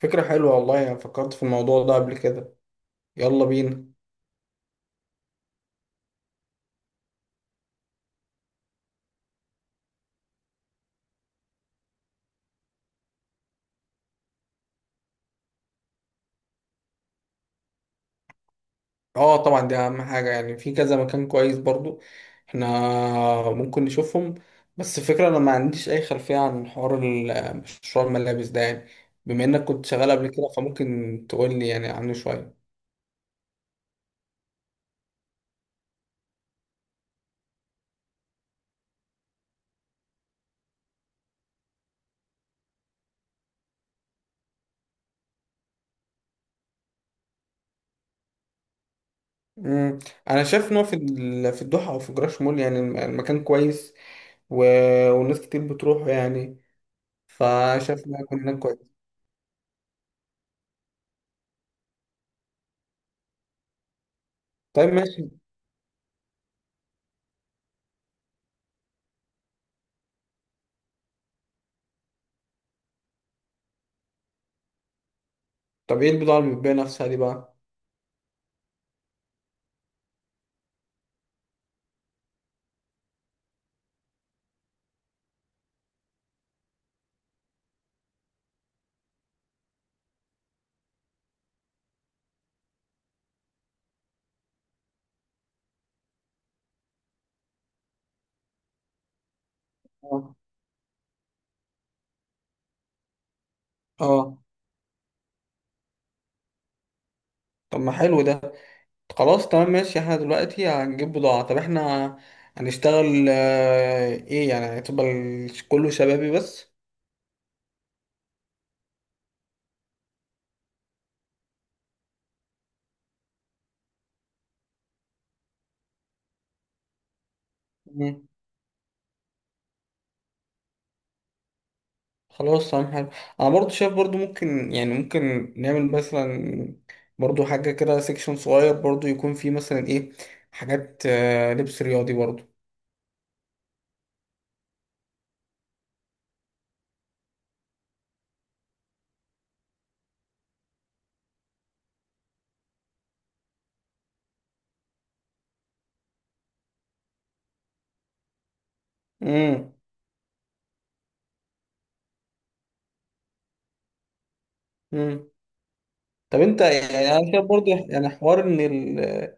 فكرة حلوة والله. أنا فكرت في الموضوع ده قبل كده. يلا بينا. اه، طبعا دي أهم حاجة. يعني في كذا مكان كويس برضو. احنا ممكن نشوفهم. بس الفكرة أنا ما عنديش أي خلفية عن حوار مشروع الملابس ده يعني. بما إنك كنت شغال قبل كده فممكن تقولي يعني عنه شوية. مم. أنا شايف إن هو في في الدوحة أو في جراش مول. يعني المكان كويس و... والناس كتير بتروحه يعني، فشايف إن هو هناك كويس. طيب ماشي. طب إيه البضاعة اللي بتبيع نفسها دي بقى؟ اه، اه. طب ما حلو ده. خلاص تمام ماشي. احنا دلوقتي هنجيب بضاعة. طب احنا هنشتغل، ايه يعني، هتبقى كله شبابي بس. مم. خلاص تمام حلو. انا برضو شايف برضو ممكن، يعني ممكن نعمل مثلا برضو حاجة كده، سيكشن صغير برضو يكون فيه مثلا ايه، حاجات لبس رياضي برضو. مم. مم. طب انت يعني، انا شايف برضو يعني حوار ان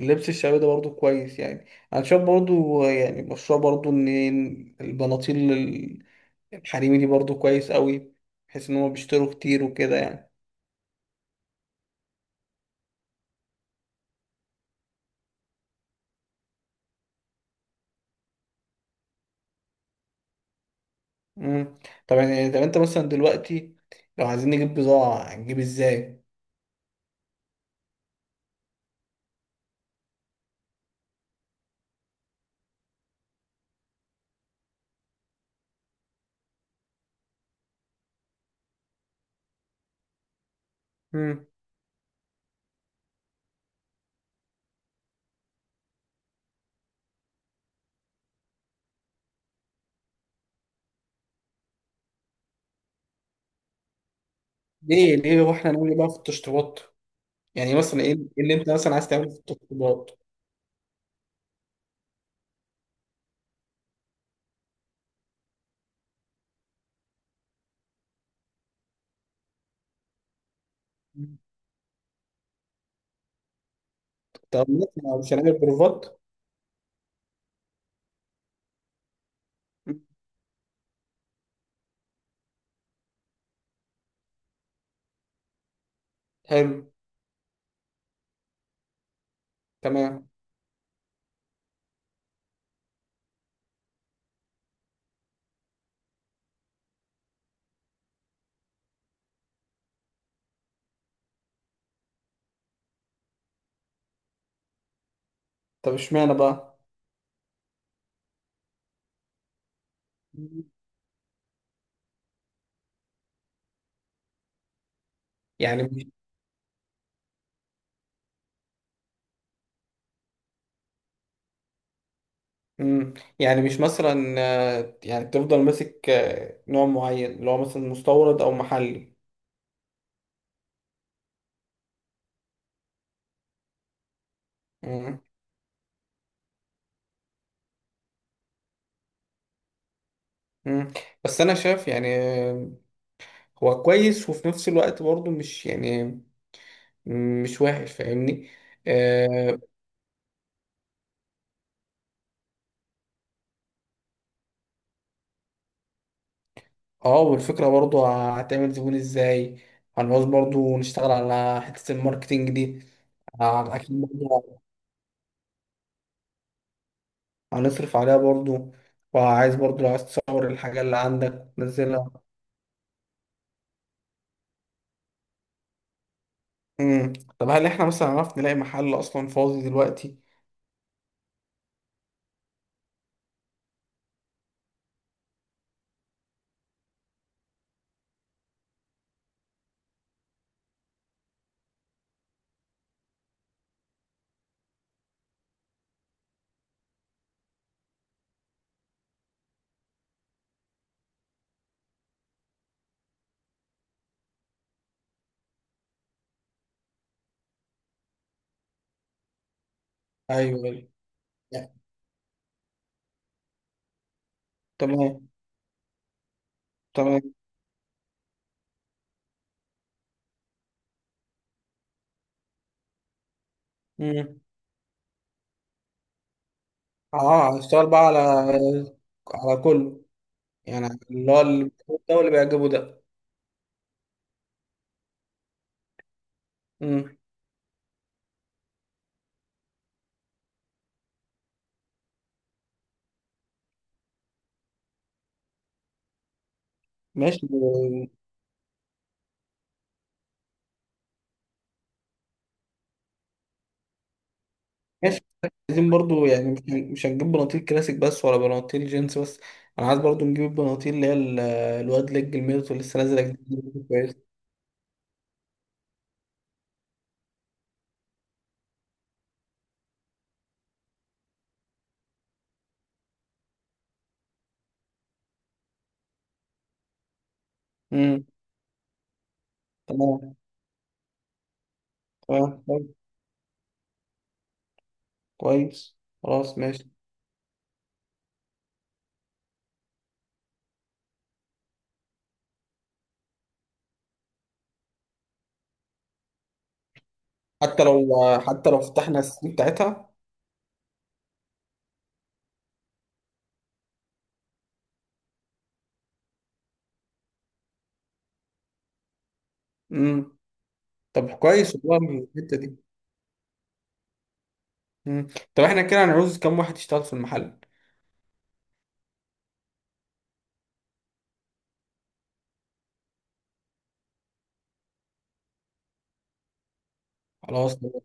اللبس الشعبي ده برضو كويس يعني. انا شايف برضو يعني مشروع برضو ان البناطيل الحريمي دي برضو كويس قوي، بحيث ان هم بيشتروا كتير وكده يعني. امم طب انت مثلا دلوقتي، لو عايزين نجيب بضاعة، هنجيب ازاي؟ امم ليه، ليه واحنا نعمل ايه بقى في التشطيبات؟ يعني مثلا ايه اللي انت مثلا عايز تعمله في التشطيبات؟ مم. طب مثلا مش هنعمل بروفات؟ مم. حلو تمام. طب اشمعنى بقى؟ يعني مش مم. يعني مش مثلا، يعني تفضل ماسك نوع معين اللي هو مثلا مستورد او محلي. مم. مم. بس انا شايف يعني، هو كويس وفي نفس الوقت برضو مش يعني، مش وحش، فاهمني؟ اه. والفكرة برضو هتعمل زبون ازاي؟ هنعوز برضو نشتغل على حتة الماركتينج دي. اكيد برضو. هنصرف عليها برضو. وعايز برضو، لو عايز تصور الحاجة اللي عندك تنزلها. امم طب، هل احنا مثلا عرفنا نلاقي محل اصلا فاضي دلوقتي؟ ايوه، ايوه يعني. تمام، تمام. امم اه، هشتغل بقى على كله. يعني على اللي هو اللي بيعجبه ده واللي بيعجبه ده. امم ماشي، ماشي. عايزين برضو يعني، مش هنجيب بناطيل كلاسيك بس ولا بناطيل جينز بس. انا عايز برضو نجيب البناطيل اللي هي الواد ليج الميرت اللي لسه نازله جديد كويس. امم تمام، تمام، طيب، كويس. خلاص ماشي. حتى لو حتى لو فتحنا السي بتاعتها. امم طب كويس والله الحته دي. امم طب احنا كده هنعوز كام واحد يشتغل في المحل؟ على وصل.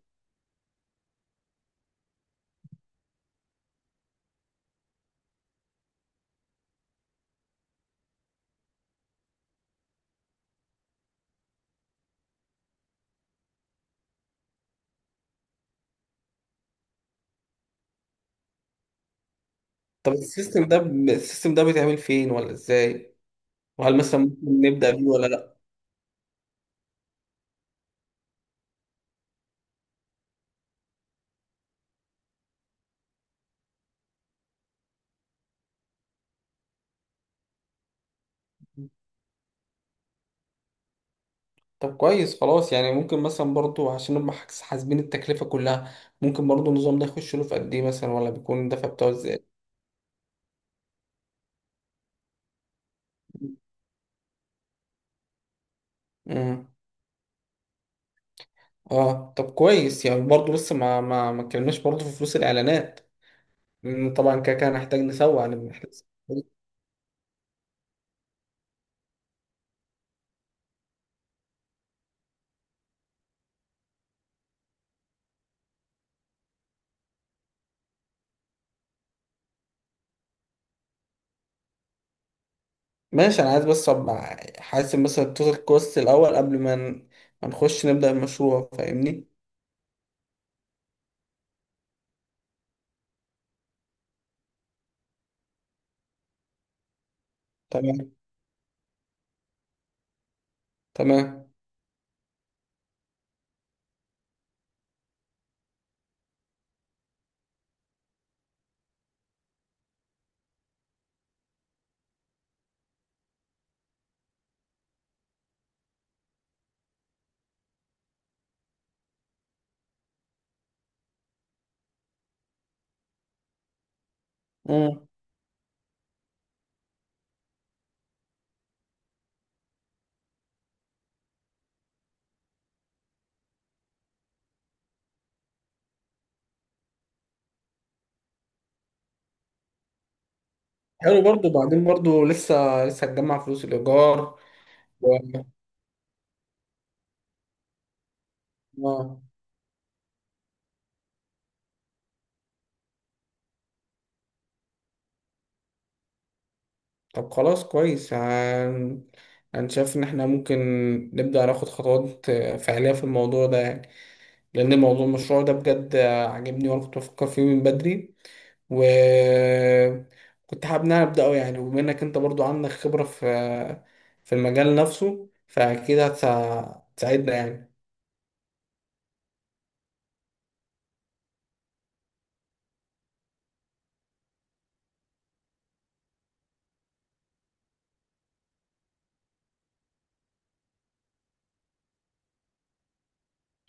طب السيستم ده بيتعمل فين ولا ازاي؟ وهل مثلا ممكن نبدأ بيه ولا لا؟ طب كويس خلاص. يعني ممكن مثلا برضو عشان نبقى حاسبين التكلفة كلها. ممكن برضو النظام ده يخش له في قد ايه مثلا، ولا بيكون الدفع بتاعه ازاي؟ امم اه، طب كويس. يعني برضو لسه ما اتكلمناش برضو في فلوس الاعلانات، لأن طبعا كده كده هنحتاج نسوق. يعني بنحتاج. ماشي. انا عايز بس ابقى حاسب مثلا التوتال كوست الاول قبل ما نخش نبدا المشروع، فاهمني. تمام، تمام. امم حلو برضو. بعدين برضو لسه لسه هتجمع فلوس الايجار. و... آه. طب خلاص كويس. انا شايف ان احنا ممكن نبدا ناخد خطوات فعليه في الموضوع ده يعني. لأن موضوع المشروع ده بجد عاجبني، وأنا كنت بفكر فيه من بدري، وكنت حابب إن أنا أبدأه يعني. وبما إنك أنت برضو عندك خبرة في المجال نفسه، فأكيد هتساعدنا يعني.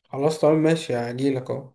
خلاص تمام ماشي. هجيلك أهو.